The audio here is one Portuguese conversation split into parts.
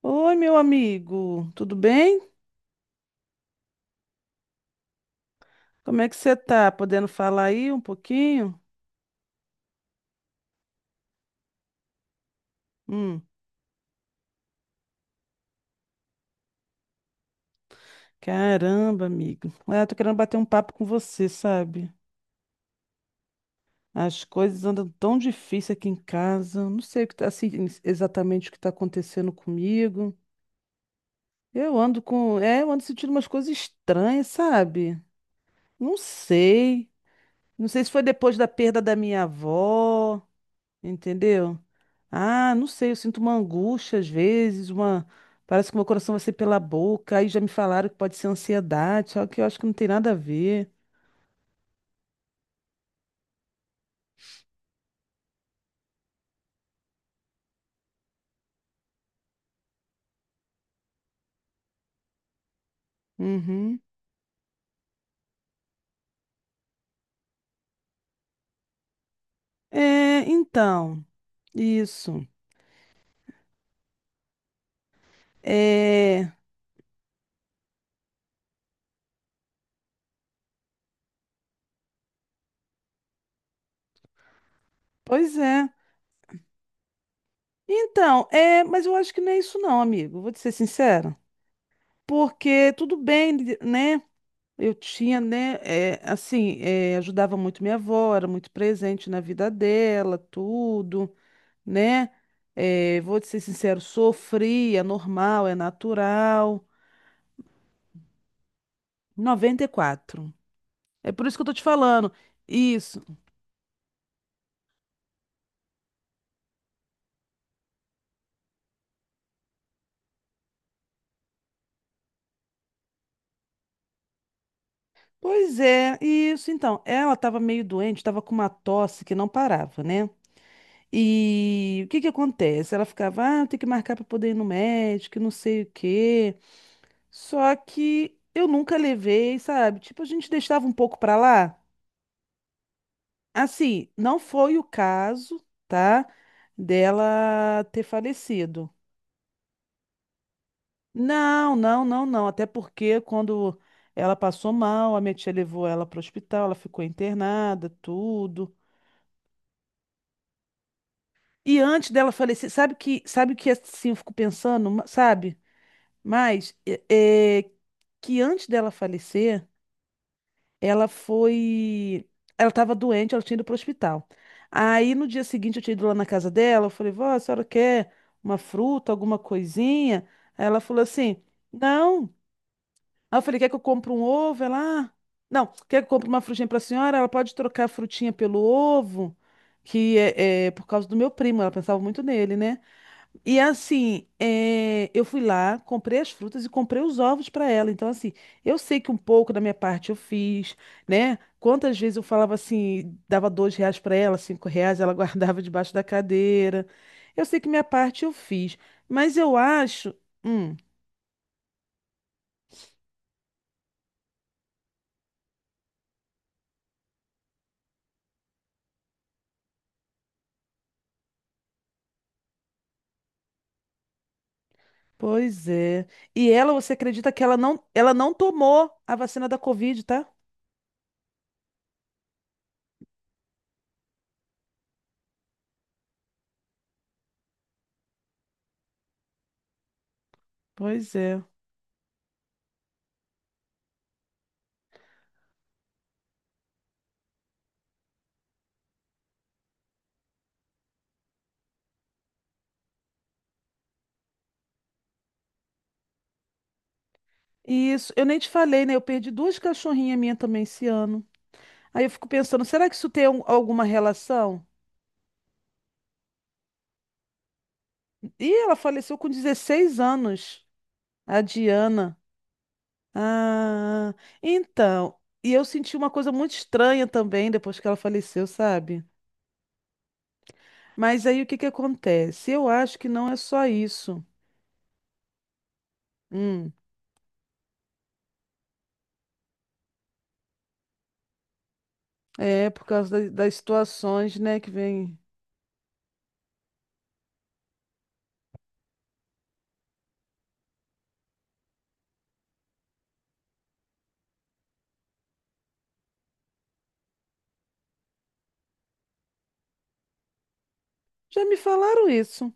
Oi, meu amigo, tudo bem? Como é que você tá? Podendo falar aí um pouquinho? Hum, Caramba, amigo. Ah, eu tô querendo bater um papo com você, sabe? As coisas andam tão difíceis aqui em casa. Não sei o que tá, assim, exatamente o que tá acontecendo comigo. Eu ando sentindo umas coisas estranhas, sabe? Não sei. Não sei se foi depois da perda da minha avó, entendeu? Ah, não sei, eu sinto uma angústia às vezes, uma. Parece que meu coração vai ser pela boca, aí já me falaram que pode ser ansiedade, só que eu acho que não tem nada a ver. Uhum. É, então, isso. É, pois é. Então, é, mas eu acho que não é isso não, amigo, vou te ser sincera. Porque tudo bem, né? Eu tinha, né, assim, ajudava muito minha avó, era muito presente na vida dela, tudo. Né? É, vou te ser sincero, sofri, é normal, é natural. 94. É por isso que eu tô te falando. Isso. Pois é, isso. Então, ela tava meio doente, tava com uma tosse que não parava, né? E o que que acontece? Ela ficava, ah, eu tenho que marcar para poder ir no médico, e não sei o quê. Só que eu nunca levei, sabe? Tipo, a gente deixava um pouco para lá. Assim, não foi o caso, tá? Dela ter falecido. Não, não, não, não. Até porque quando ela passou mal, a minha tia levou ela para o hospital, ela ficou internada, tudo. E antes dela falecer, sabe que assim eu fico pensando, sabe? Mas é, é, que antes dela falecer, ela foi, ela estava doente, ela tinha ido para o hospital. Aí no dia seguinte eu tinha ido lá na casa dela, eu falei, vó, a senhora quer uma fruta, alguma coisinha? Aí ela falou assim, não. Aí eu falei, quer que eu compre um ovo? Ela, ah, não, quer que eu compre uma frutinha pra senhora? Ela pode trocar a frutinha pelo ovo, que é, é por causa do meu primo, ela pensava muito nele, né? E assim, é, eu fui lá, comprei as frutas e comprei os ovos para ela. Então, assim, eu sei que um pouco da minha parte eu fiz, né? Quantas vezes eu falava assim, dava R$ 2 para ela, R$ 5, ela guardava debaixo da cadeira. Eu sei que minha parte eu fiz, mas eu acho. hum, Pois é. E ela, você acredita que ela não tomou a vacina da Covid, tá? Pois é. E isso, eu nem te falei, né? Eu perdi duas cachorrinhas minhas também esse ano. Aí eu fico pensando, será que isso tem alguma relação? E ela faleceu com 16 anos, a Diana. Ah, então. E eu senti uma coisa muito estranha também depois que ela faleceu, sabe? Mas aí o que que acontece? Eu acho que não é só isso. Hum, é por causa das situações, né, que vem. Já me falaram isso.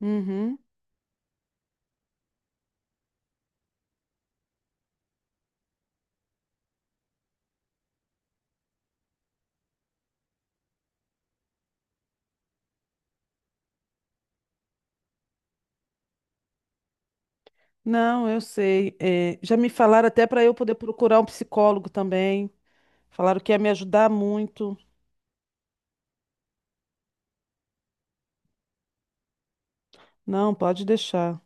Uhum. Não, eu sei. É, já me falaram até para eu poder procurar um psicólogo também. Falaram que ia me ajudar muito. Não, pode deixar.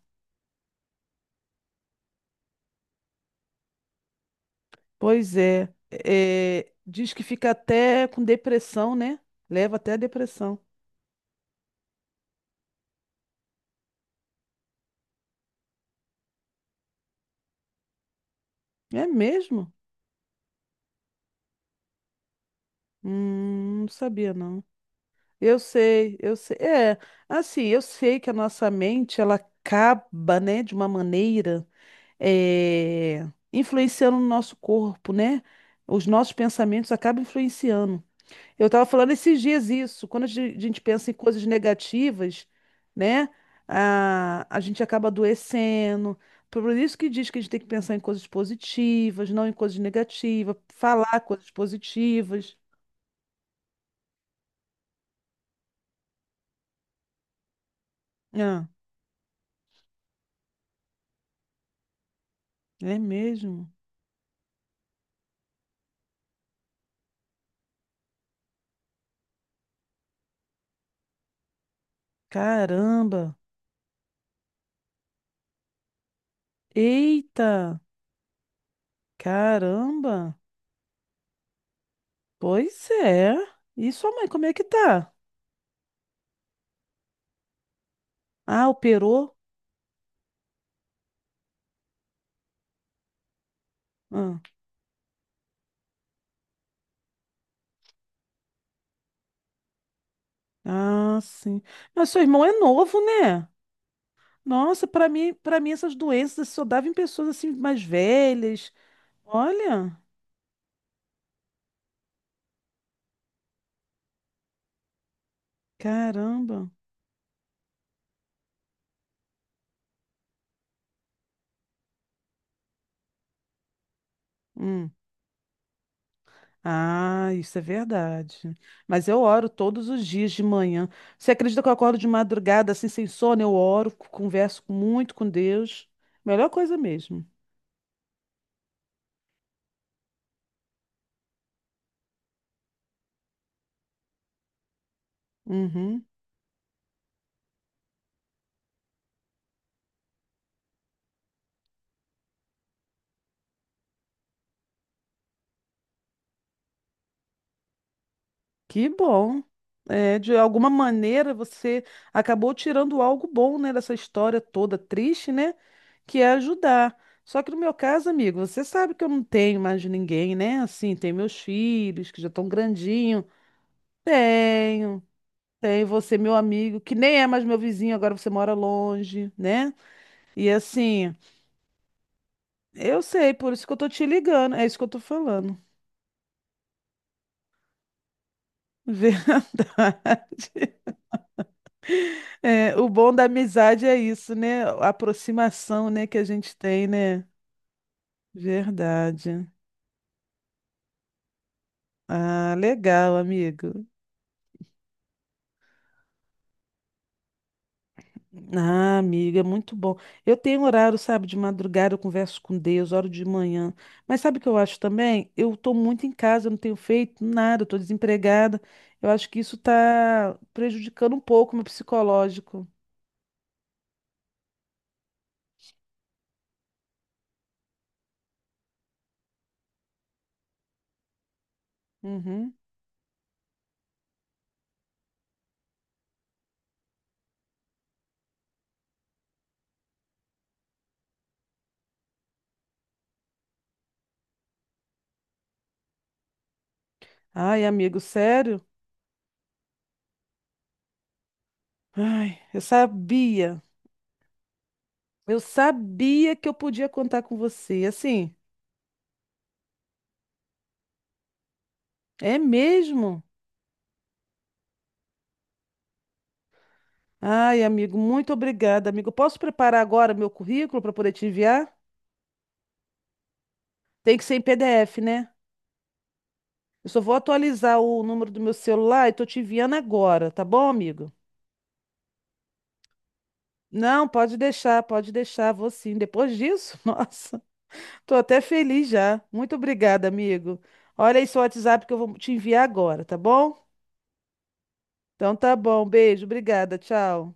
Pois é. É, diz que fica até com depressão, né? Leva até a depressão. É mesmo? Não sabia, não. Eu sei, eu sei. É, assim, eu sei que a nossa mente, ela acaba, né, de uma maneira eh, influenciando no nosso corpo, né? Os nossos pensamentos acabam influenciando. Eu estava falando esses dias isso, quando a gente pensa em coisas negativas, né? A gente acaba adoecendo. Por isso que diz que a gente tem que pensar em coisas positivas, não em coisas negativas, falar coisas positivas. Ah, é mesmo? Caramba! Eita! Caramba! Pois é. E sua mãe, como é que tá? Ah, operou? Ah, ah, sim. Mas seu irmão é novo, né? Nossa, para mim essas doenças só davam em pessoas assim mais velhas. Olha, caramba. Hum. Ah, isso é verdade. Mas eu oro todos os dias de manhã. Você acredita que eu acordo de madrugada assim sem sono? Eu oro, converso muito com Deus. Melhor coisa mesmo. Uhum. Que bom. É, de alguma maneira você acabou tirando algo bom, né, dessa história toda triste, né, que é ajudar. Só que no meu caso, amigo, você sabe que eu não tenho mais de ninguém, né? Assim, tem meus filhos que já estão grandinhos. Tenho, tenho você, meu amigo, que nem é mais meu vizinho, agora você mora longe, né? E assim, eu sei, por isso que eu tô te ligando, é isso que eu tô falando. Verdade. É, o bom da amizade é isso, né? A aproximação, né, que a gente tem, né? Verdade. Ah, legal, amigo. Ah, amiga, muito bom. Eu tenho horário, sabe, de madrugada eu converso com Deus, hora de manhã. Mas sabe o que eu acho também? Eu tô muito em casa, eu não tenho feito nada, eu tô desempregada. Eu acho que isso tá prejudicando um pouco o meu psicológico. Uhum. Ai, amigo, sério? Ai, eu sabia. Eu sabia que eu podia contar com você. Assim, é mesmo? Ai, amigo, muito obrigada, amigo. Posso preparar agora meu currículo para poder te enviar? Tem que ser em PDF, né? Eu só vou atualizar o número do meu celular e tô te enviando agora, tá bom, amigo? Não, pode deixar, vou sim. Depois disso, nossa, tô até feliz já. Muito obrigada, amigo. Olha aí seu WhatsApp que eu vou te enviar agora, tá bom? Então tá bom, beijo, obrigada, tchau.